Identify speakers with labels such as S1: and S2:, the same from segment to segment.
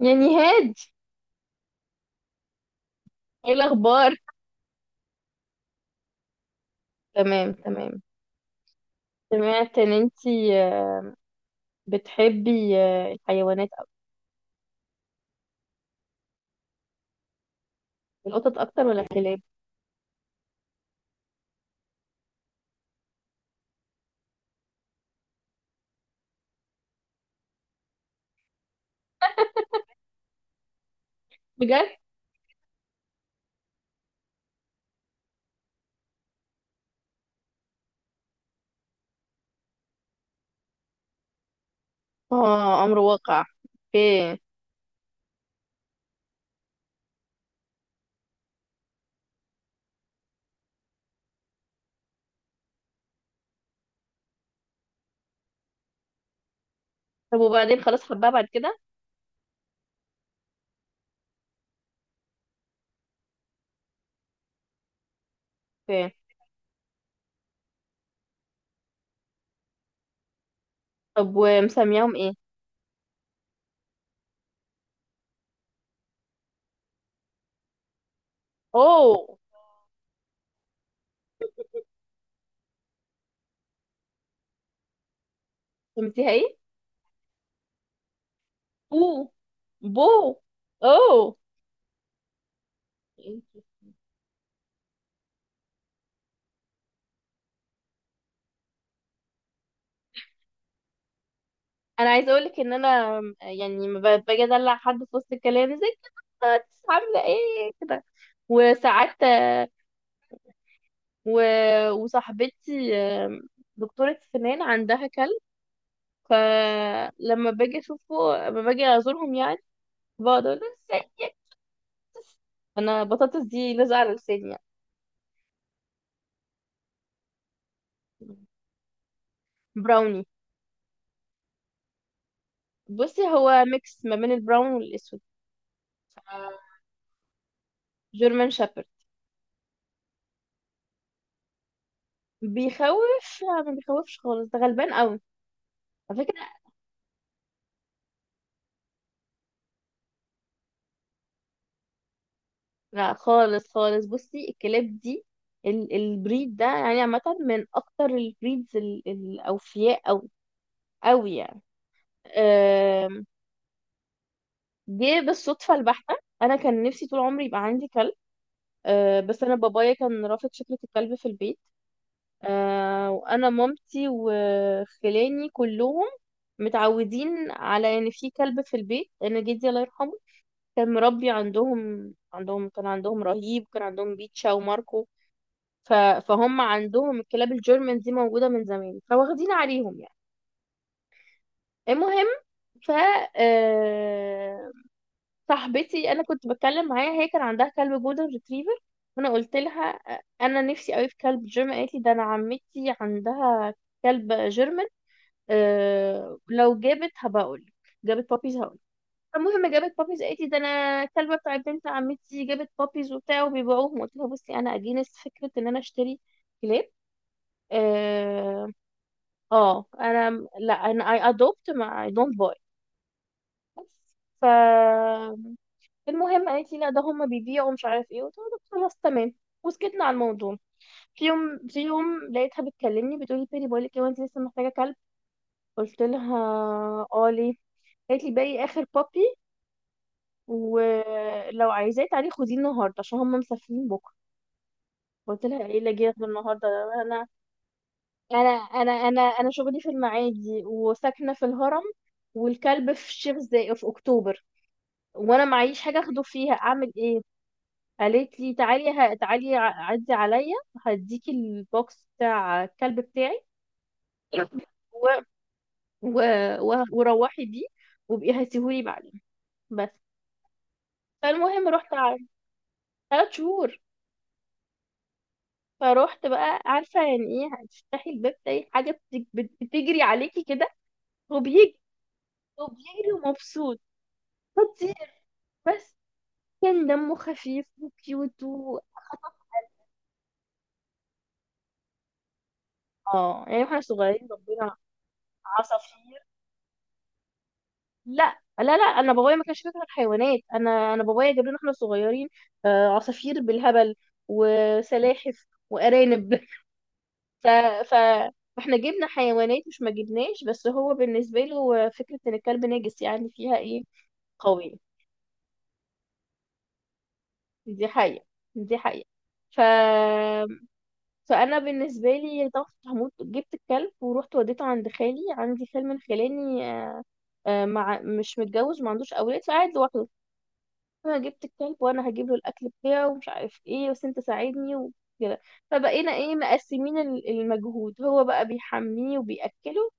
S1: يا نهاد، ايه الاخبار؟ تمام تمام. سمعت ان انتي آه، بتحبي الحيوانات أكتر. القطط اكتر ولا الكلاب؟ بجد؟ اه، امر واقع. اوكي. طب وبعدين خلاص حبها بعد كده؟ اوكي. طب ومسمياهم ايه؟ اوه. سميتيها ايه؟ بو؟ بو؟ اوه. انا عايزه اقول لك ان انا يعني ما ب- باجي ادلع حد في وسط الكلام زي كده، عامله ايه كده. وساعات و... وصاحبتي دكتورة سنان عندها كلب، فلما باجي اشوفه، لما باجي ازورهم يعني، بقعد اقول له ازاي، انا بطاطس دي لازقة على لساني يعني. براوني. بصي هو ميكس ما بين البراون والاسود. جيرمان شابرد. بيخوف؟ لا، ما بيخوفش خالص، ده غلبان قوي. على فكرة، لا خالص خالص. بصي الكلاب دي، البريد ده يعني عامة، من أكتر البريدز الأوفياء أو أوي. يعني جه بالصدفة البحتة. أنا كان نفسي طول عمري يبقى عندي كلب، أه، بس أنا بابايا كان رافض فكرة الكلب في البيت. أه، وأنا مامتي وخلاني كلهم متعودين على إن في كلب في البيت، لأن جدي الله يرحمه كان مربي عندهم، عندهم كان عندهم رهيب، كان عندهم بيتشا وماركو. ف... فهم عندهم الكلاب الجيرمان دي موجودة من زمان، فواخدين عليهم يعني. المهم، ف آه، صاحبتي انا كنت بتكلم معاها، هي كان عندها كلب جولدن ريتريفر، وانا قلت لها انا نفسي قوي في كلب جيرمان. قالت لي ده انا عمتي عندها كلب جيرمان، أه لو جابت هبقول، جابت بابيز هقول. المهم جابت بابيز، قالت لي ده انا الكلبه بتاع بنت عمتي جابت بابيز وبتاع وبيبيعوهم. قلت لها بصي انا اجينست فكره ان انا اشتري كلاب، اه. انا لا، انا اي ادوبت، ما اي دونت باي. بس، ف المهم قالت لي لا ده هم بيبيعوا مش عارف ايه. قلت لها خلاص تمام، وسكتنا على الموضوع. في يوم في يوم لقيتها بتكلمني بتقول لي بيري بقول لك ايه، وانت لسه محتاجه كلب؟ قلت لها اه ليه؟ قالت لي باقي اخر بابي، ولو عايزاه تعالي خديه النهارده عشان هم مسافرين بكره. قلت لها ايه اللي اجي اخده النهارده، انا انا انا شغلي في المعادي وساكنه في الهرم، والكلب في الشيخ زايد في اكتوبر، وانا معيش حاجه اخده فيها، اعمل ايه؟ قالت لي تعالي تعالي عدي عليا، هديكي البوكس بتاع الكلب بتاعي و... و... وروحي بيه، وبقي هاتيهولي بعدين. بس. فالمهم رحت على 3 شهور. فروحت بقى، عارفة يعني ايه هتفتحي الباب تلاقي حاجة بتجري عليكي كده وبيجري، وبيجري ومبسوط. خطير. بس كان دمه خفيف وكيوت اه يعني واحنا صغيرين ربنا، عصافير. لا لا لا، انا بابايا ما كانش بيكره الحيوانات، انا بابايا جاب لنا احنا صغيرين عصافير بالهبل وسلاحف وارانب ف ف فاحنا جبنا حيوانات، مش ما جبناش، بس هو بالنسبه له فكره ان الكلب نجس يعني فيها ايه، قويه. دي حقيقه، دي حقيقه. ف فانا بالنسبه لي طبعا كنت هموت، جبت الكلب ورحت وديته عند خالي. عندي خال من خلاني مع مش متجوز، ما عندوش اولاد فقاعد لوحده. انا جبت الكلب وانا هجيب له الاكل بتاعه ومش عارف ايه، بس انت ساعدني وكده. فبقينا ايه مقسمين المجهود، هو بقى بيحميه وبيأكله،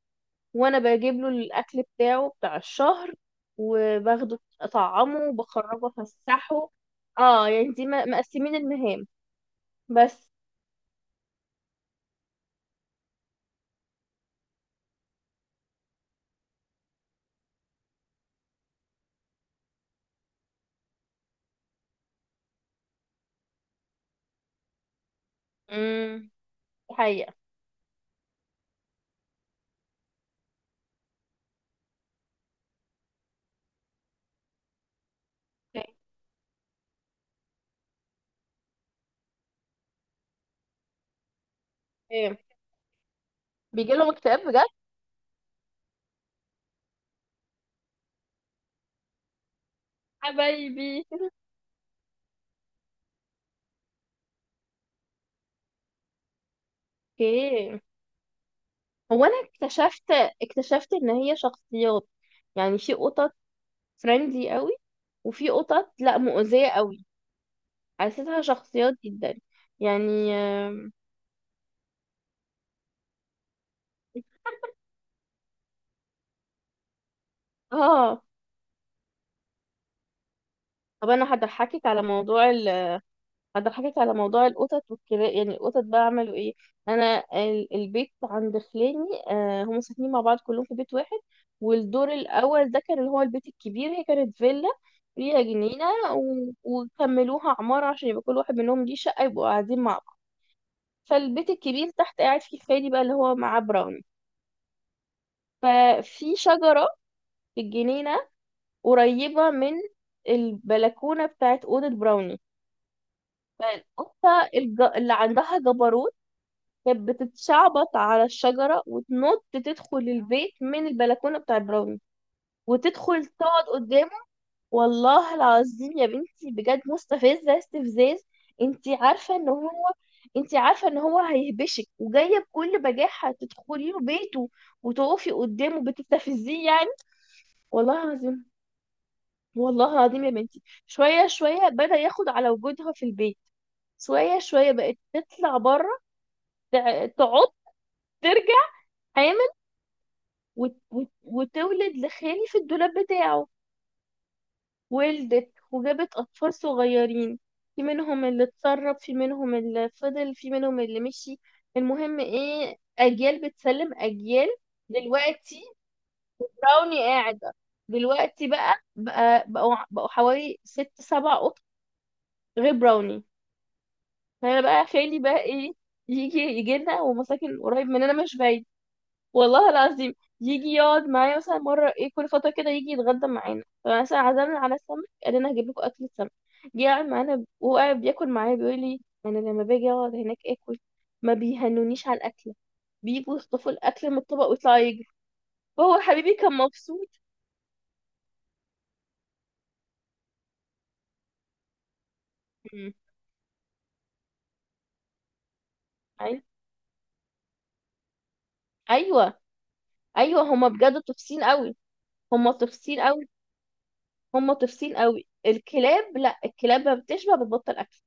S1: وانا بجيب له الاكل بتاعه بتاع الشهر وباخده اطعمه وبخرجه افسحه. اه يعني دي مقسمين المهام. بس. امم. حقيقة. ايه، بيجي لهم اكتئاب بجد. حبايبي. اوكي. هو انا اكتشفت، اكتشفت ان هي شخصيات. يعني في قطط فريندلي قوي، وفي قطط لا مؤذية قوي. حسيتها شخصيات جدا يعني، اه. طب انا هضحكك على موضوع هضحكك على موضوع القطط والكلاب. يعني القطط بقى عملوا ايه، انا البيت عند خلاني، آه هم ساكنين مع بعض كلهم في بيت واحد. والدور الاول ده كان اللي هو البيت الكبير، هي كانت فيلا فيها جنينة، و... وكملوها عمارة عشان يبقى كل واحد منهم ليه شقة يبقوا قاعدين مع بعض. فالبيت الكبير تحت قاعد فيه خالي بقى اللي هو معاه براون. ففي شجرة في الجنينة قريبة من البلكونة بتاعت أوضة براوني. اللي عندها جبروت كانت بتتشعبط على الشجرة وتنط تدخل البيت من البلكونة بتاعت براوني، وتدخل تقعد قدامه. والله العظيم يا بنتي بجد مستفزة استفزاز. انتي عارفة ان هو، انتي عارفة ان هو هيهبشك، وجاية بكل بجاحة تدخلي له بيته وتقفي قدامه بتستفزيه يعني. والله العظيم، والله العظيم يا بنتي. شوية شوية بدأ ياخد على وجودها في البيت. شوية شوية بقت تطلع بره، تعض، ترجع حامل، وتولد لخالي في الدولاب بتاعه. ولدت وجابت أطفال صغيرين، في منهم اللي اتسرب، في منهم اللي فضل، في منهم اللي مشي. المهم ايه، أجيال بتسلم أجيال. دلوقتي براوني قاعدة دلوقتي بقى، بقوا حوالي 6 7 قطط غير براوني. فانا بقى، خالي بقى ايه، يجي لنا، ومساكن قريب مننا مش بعيد. والله العظيم، يجي يقعد معايا مثلا مره، ايه كل فتره كده يجي يتغدى معانا. فمثلا عزمنا على السمك، قال لنا هجيب لكم اكل سمك. جه قاعد معانا وهو قاعد بياكل معايا بيقول لي انا لما باجي اقعد هناك اكل، ما بيهنونيش على الاكله، بيجوا يخطفوا الاكل من الطبق ويطلعوا يجري. فهو حبيبي كان مبسوط. مم. أي- ايوه ايوه، هما بجد طفسين قوي، هما طفسين قوي، هم طفسين قوي. الكلاب لا، الكلاب ما بتشبع، بتبطل اكل.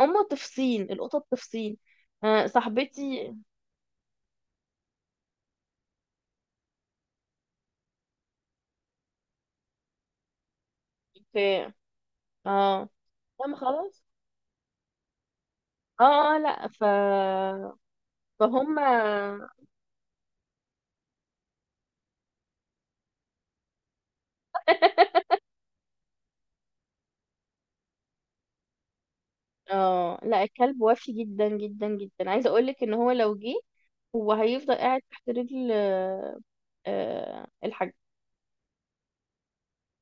S1: هم طفسين القطط طفسين. آه، صاحبتي. في، اه لما خلاص، اه لا فهم، اه. لا، الكلب وفي جدا جدا جدا، عايزه اقول لك ان هو لو جه، هو هيفضل قاعد تحت رجل الحاج.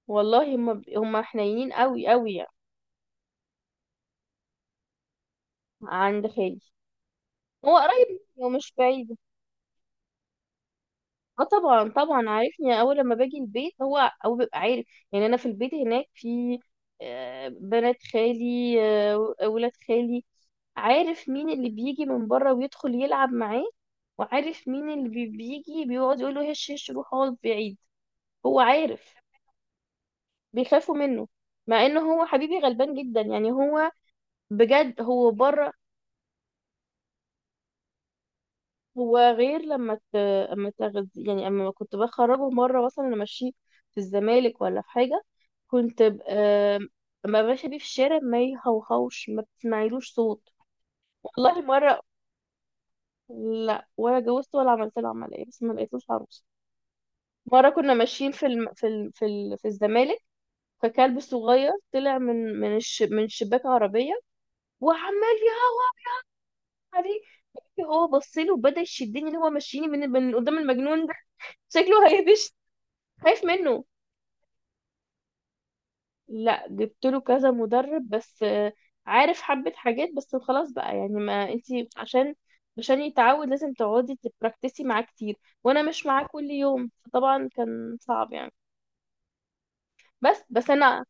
S1: والله هم هم حنينين قوي قوي يعني. عند خالي، هو قريب ومش بعيد. اه طبعا طبعا، عارفني. اول لما باجي البيت هو هو بيبقى عارف. يعني انا في البيت هناك في بنات خالي، ولاد خالي. عارف مين اللي بيجي من بره ويدخل يلعب معاه، وعارف مين اللي بيجي بيقعد يقول له هش هش، روح اقعد بعيد. هو عارف، بيخافوا منه، مع انه هو حبيبي غلبان جدا يعني. هو بجد هو بره. هو غير لما ت... اما تغذي يعني، اما كنت بخرجه مره، مثلا انا ماشيه في الزمالك ولا في حاجه، كنت ب... آم، اما ماشيه بيه في الشارع، ما يهوهوش، ما بتسمعيلوش صوت. والله مره، لا ولا جوزت ولا عملت له عمليه، بس ما لقيتلوش عروسه. مره كنا ماشيين في الم... في ال... في ال... في الزمالك، فكلب صغير طلع من شباك عربيه، وعمال يهوه عليه. هو بص له وبدا يشدني اللي هو مشيني من من قدام المجنون ده، شكله هيدش، خايف منه. لا جبت له كذا مدرب، بس عارف حبة حاجات، بس خلاص بقى يعني. ما انتي عشان، عشان يتعود لازم تقعدي تبراكتسي معاه كتير، وانا مش معاه كل يوم، فطبعا كان صعب يعني. بس بس انا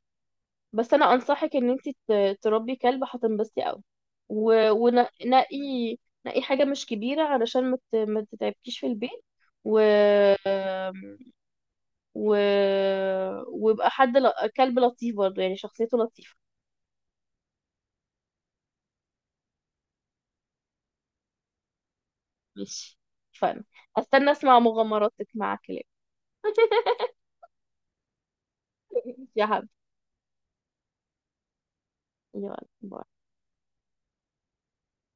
S1: بس انا انصحك ان انتي تربي كلب، هتنبسطي قوي. ونقي، نقي حاجة مش كبيرة علشان ما تتعبكيش في البيت، و و ويبقى حد كلب لطيف برضه، يعني شخصيته لطيفة. ماشي. فن، هستنى اسمع مغامراتك مع كلاب. يا حبيبي، يلا، باي.